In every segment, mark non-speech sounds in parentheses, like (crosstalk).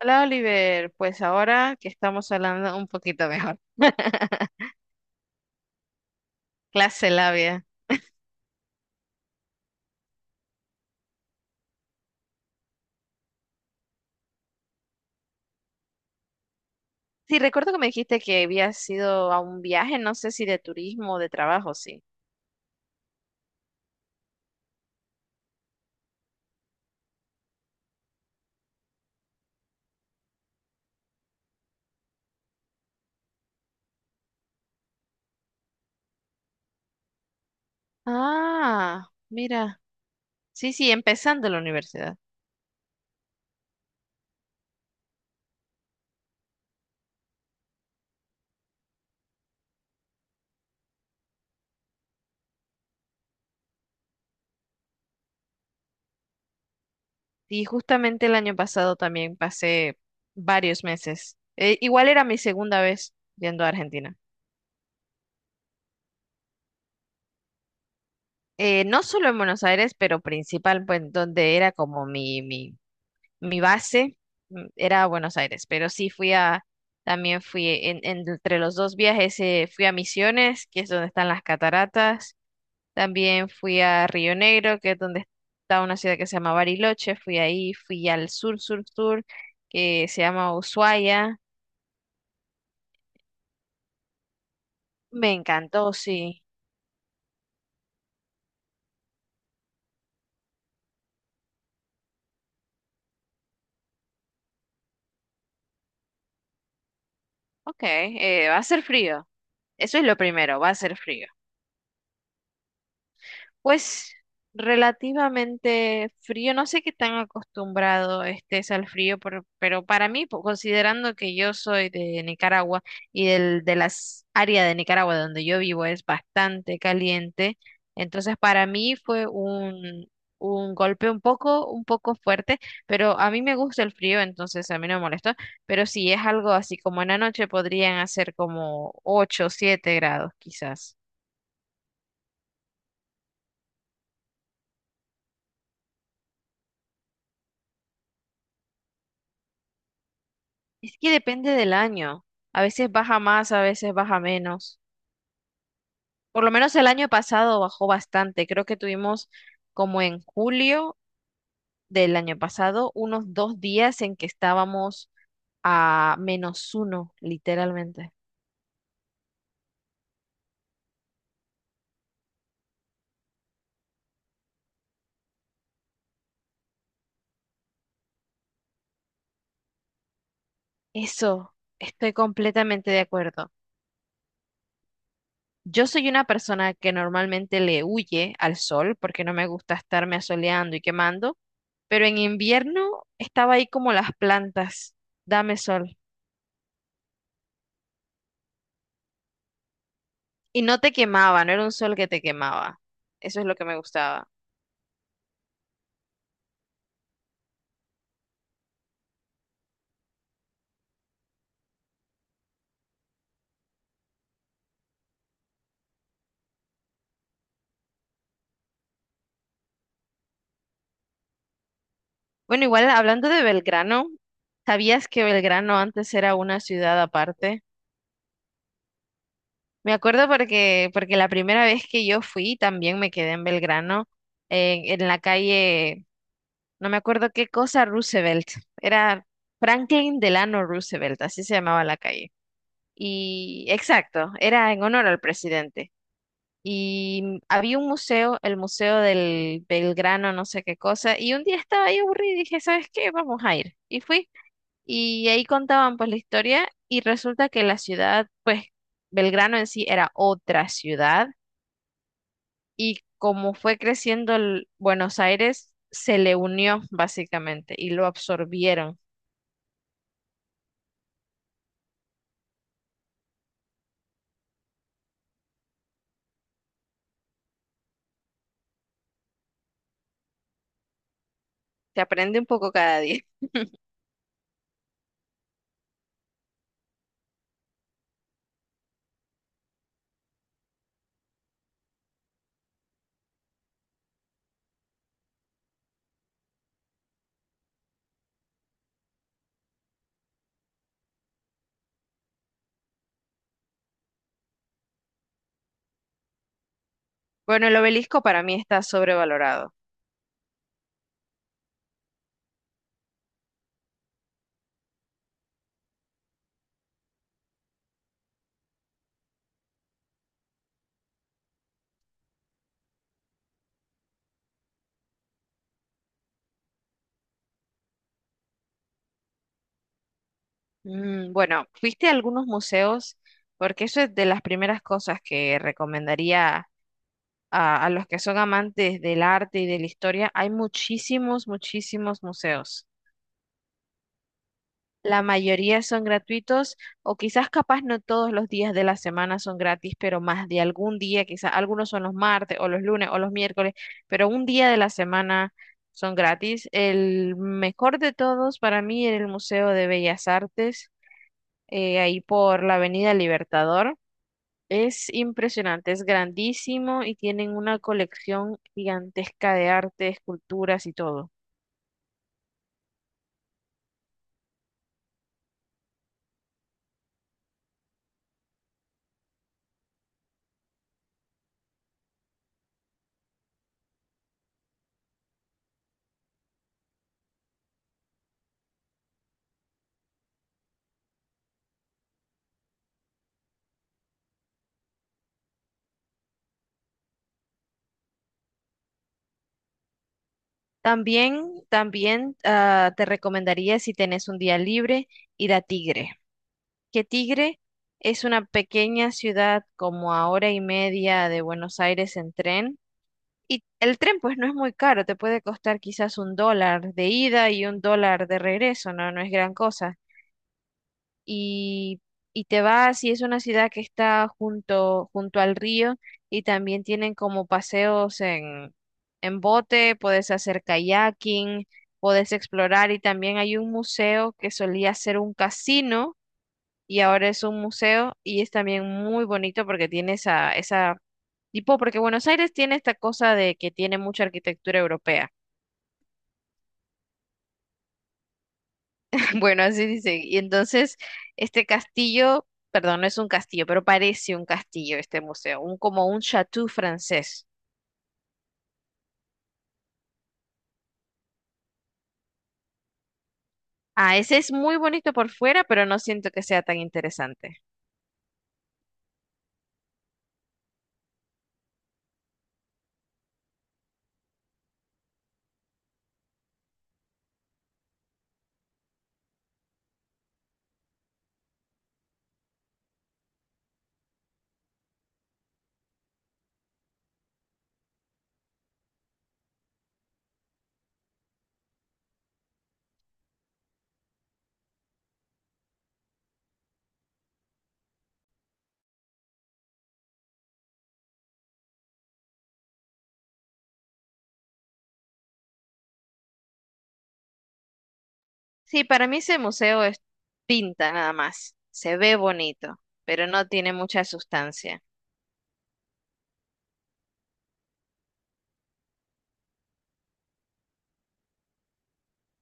Hola Oliver, pues ahora que estamos hablando un poquito mejor. (laughs) Clase labia. Sí, recuerdo que me dijiste que habías ido a un viaje, no sé si de turismo o de trabajo, sí. Ah, mira. Sí, sí, empezando la universidad. Y justamente el año pasado también pasé varios meses. Igual era mi segunda vez yendo a Argentina. No solo en Buenos Aires, pero principal, pues donde era como mi base era Buenos Aires, pero sí fui a, también fui entre los dos viajes, fui a Misiones, que es donde están las cataratas, también fui a Río Negro, que es donde está una ciudad que se llama Bariloche, fui ahí, fui al sur, sur, sur, que se llama Ushuaia, me encantó, sí. Ok, va a ser frío, eso es lo primero, va a ser frío. Pues relativamente frío, no sé qué tan acostumbrado estés al frío, pero para mí, considerando que yo soy de Nicaragua y de las áreas de Nicaragua donde yo vivo es bastante caliente, entonces para mí fue un golpe un poco fuerte, pero a mí me gusta el frío, entonces a mí no me molestó, pero si es algo así como en la noche podrían hacer como 8 o 7 grados quizás. Es que depende del año. A veces baja más, a veces baja menos. Por lo menos el año pasado bajó bastante. Creo que tuvimos como en julio del año pasado unos 2 días en que estábamos a menos uno, literalmente. Eso, estoy completamente de acuerdo. Yo soy una persona que normalmente le huye al sol porque no me gusta estarme asoleando y quemando, pero en invierno estaba ahí como las plantas. Dame sol. Y no te quemaba, no era un sol que te quemaba. Eso es lo que me gustaba. Bueno, igual hablando de Belgrano, ¿sabías que Belgrano antes era una ciudad aparte? Me acuerdo porque la primera vez que yo fui también me quedé en Belgrano, en la calle, no me acuerdo qué cosa, Roosevelt. Era Franklin Delano Roosevelt, así se llamaba la calle. Y exacto, era en honor al presidente. Y había un museo, el Museo del Belgrano, no sé qué cosa, y un día estaba ahí aburrida y dije, ¿sabes qué? Vamos a ir. Y fui, y ahí contaban pues la historia y resulta que la ciudad, pues Belgrano en sí era otra ciudad y como fue creciendo el Buenos Aires, se le unió básicamente y lo absorbieron. Se aprende un poco cada día. Bueno, el obelisco para mí está sobrevalorado. Mm, bueno, fuiste a algunos museos, porque eso es de las primeras cosas que recomendaría a los que son amantes del arte y de la historia. Hay muchísimos, muchísimos museos. La mayoría son gratuitos, o quizás capaz no todos los días de la semana son gratis, pero más de algún día, quizás algunos son los martes o los lunes o los miércoles, pero un día de la semana son gratis. El mejor de todos para mí era el Museo de Bellas Artes ahí por la Avenida Libertador. Es impresionante, es grandísimo y tienen una colección gigantesca de arte, esculturas y todo. También, también te recomendaría si tenés un día libre ir a Tigre, que Tigre es una pequeña ciudad como a hora y media de Buenos Aires en tren. Y el tren pues no es muy caro, te puede costar quizás $1 de ida y $1 de regreso, no, no es gran cosa. y, y te vas y es una ciudad que está junto, junto al río y también tienen como paseos en bote, puedes hacer kayaking, puedes explorar y también hay un museo que solía ser un casino y ahora es un museo y es también muy bonito porque tiene esa tipo, porque Buenos Aires tiene esta cosa de que tiene mucha arquitectura europea. Bueno, así dice. Y entonces, este castillo, perdón, no es un castillo, pero parece un castillo este museo, como un chateau francés. Ah, ese es muy bonito por fuera, pero no siento que sea tan interesante. Sí, para mí ese museo es pinta nada más. Se ve bonito, pero no tiene mucha sustancia.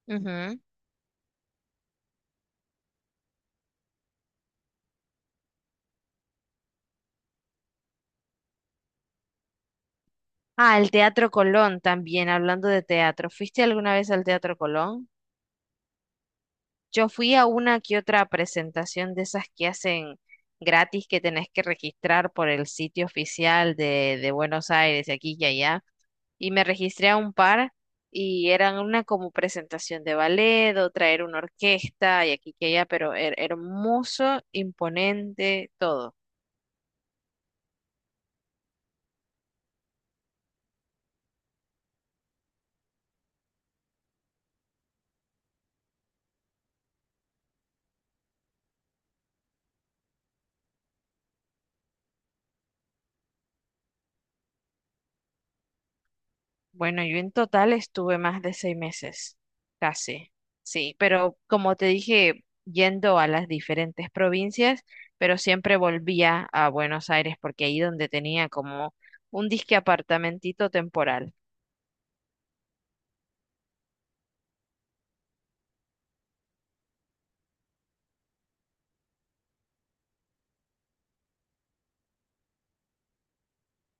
Ujú. Ah, el Teatro Colón también, hablando de teatro. ¿Fuiste alguna vez al Teatro Colón? Yo fui a una que otra presentación de esas que hacen gratis que tenés que registrar por el sitio oficial de Buenos Aires, de aquí y allá. Y me registré a un par y eran una como presentación de ballet, otra era una orquesta y aquí y allá, pero hermoso, imponente, todo. Bueno, yo en total estuve más de 6 meses, casi, sí, pero como te dije, yendo a las diferentes provincias, pero siempre volvía a Buenos Aires porque ahí donde tenía como un disque apartamentito temporal.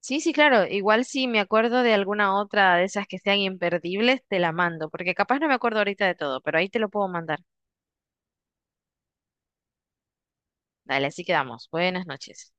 Sí, sí, claro, igual si me acuerdo de alguna otra de esas que sean imperdibles, te la mando, porque capaz no me acuerdo ahorita de todo, pero ahí te lo puedo mandar. Dale, así quedamos. Buenas noches.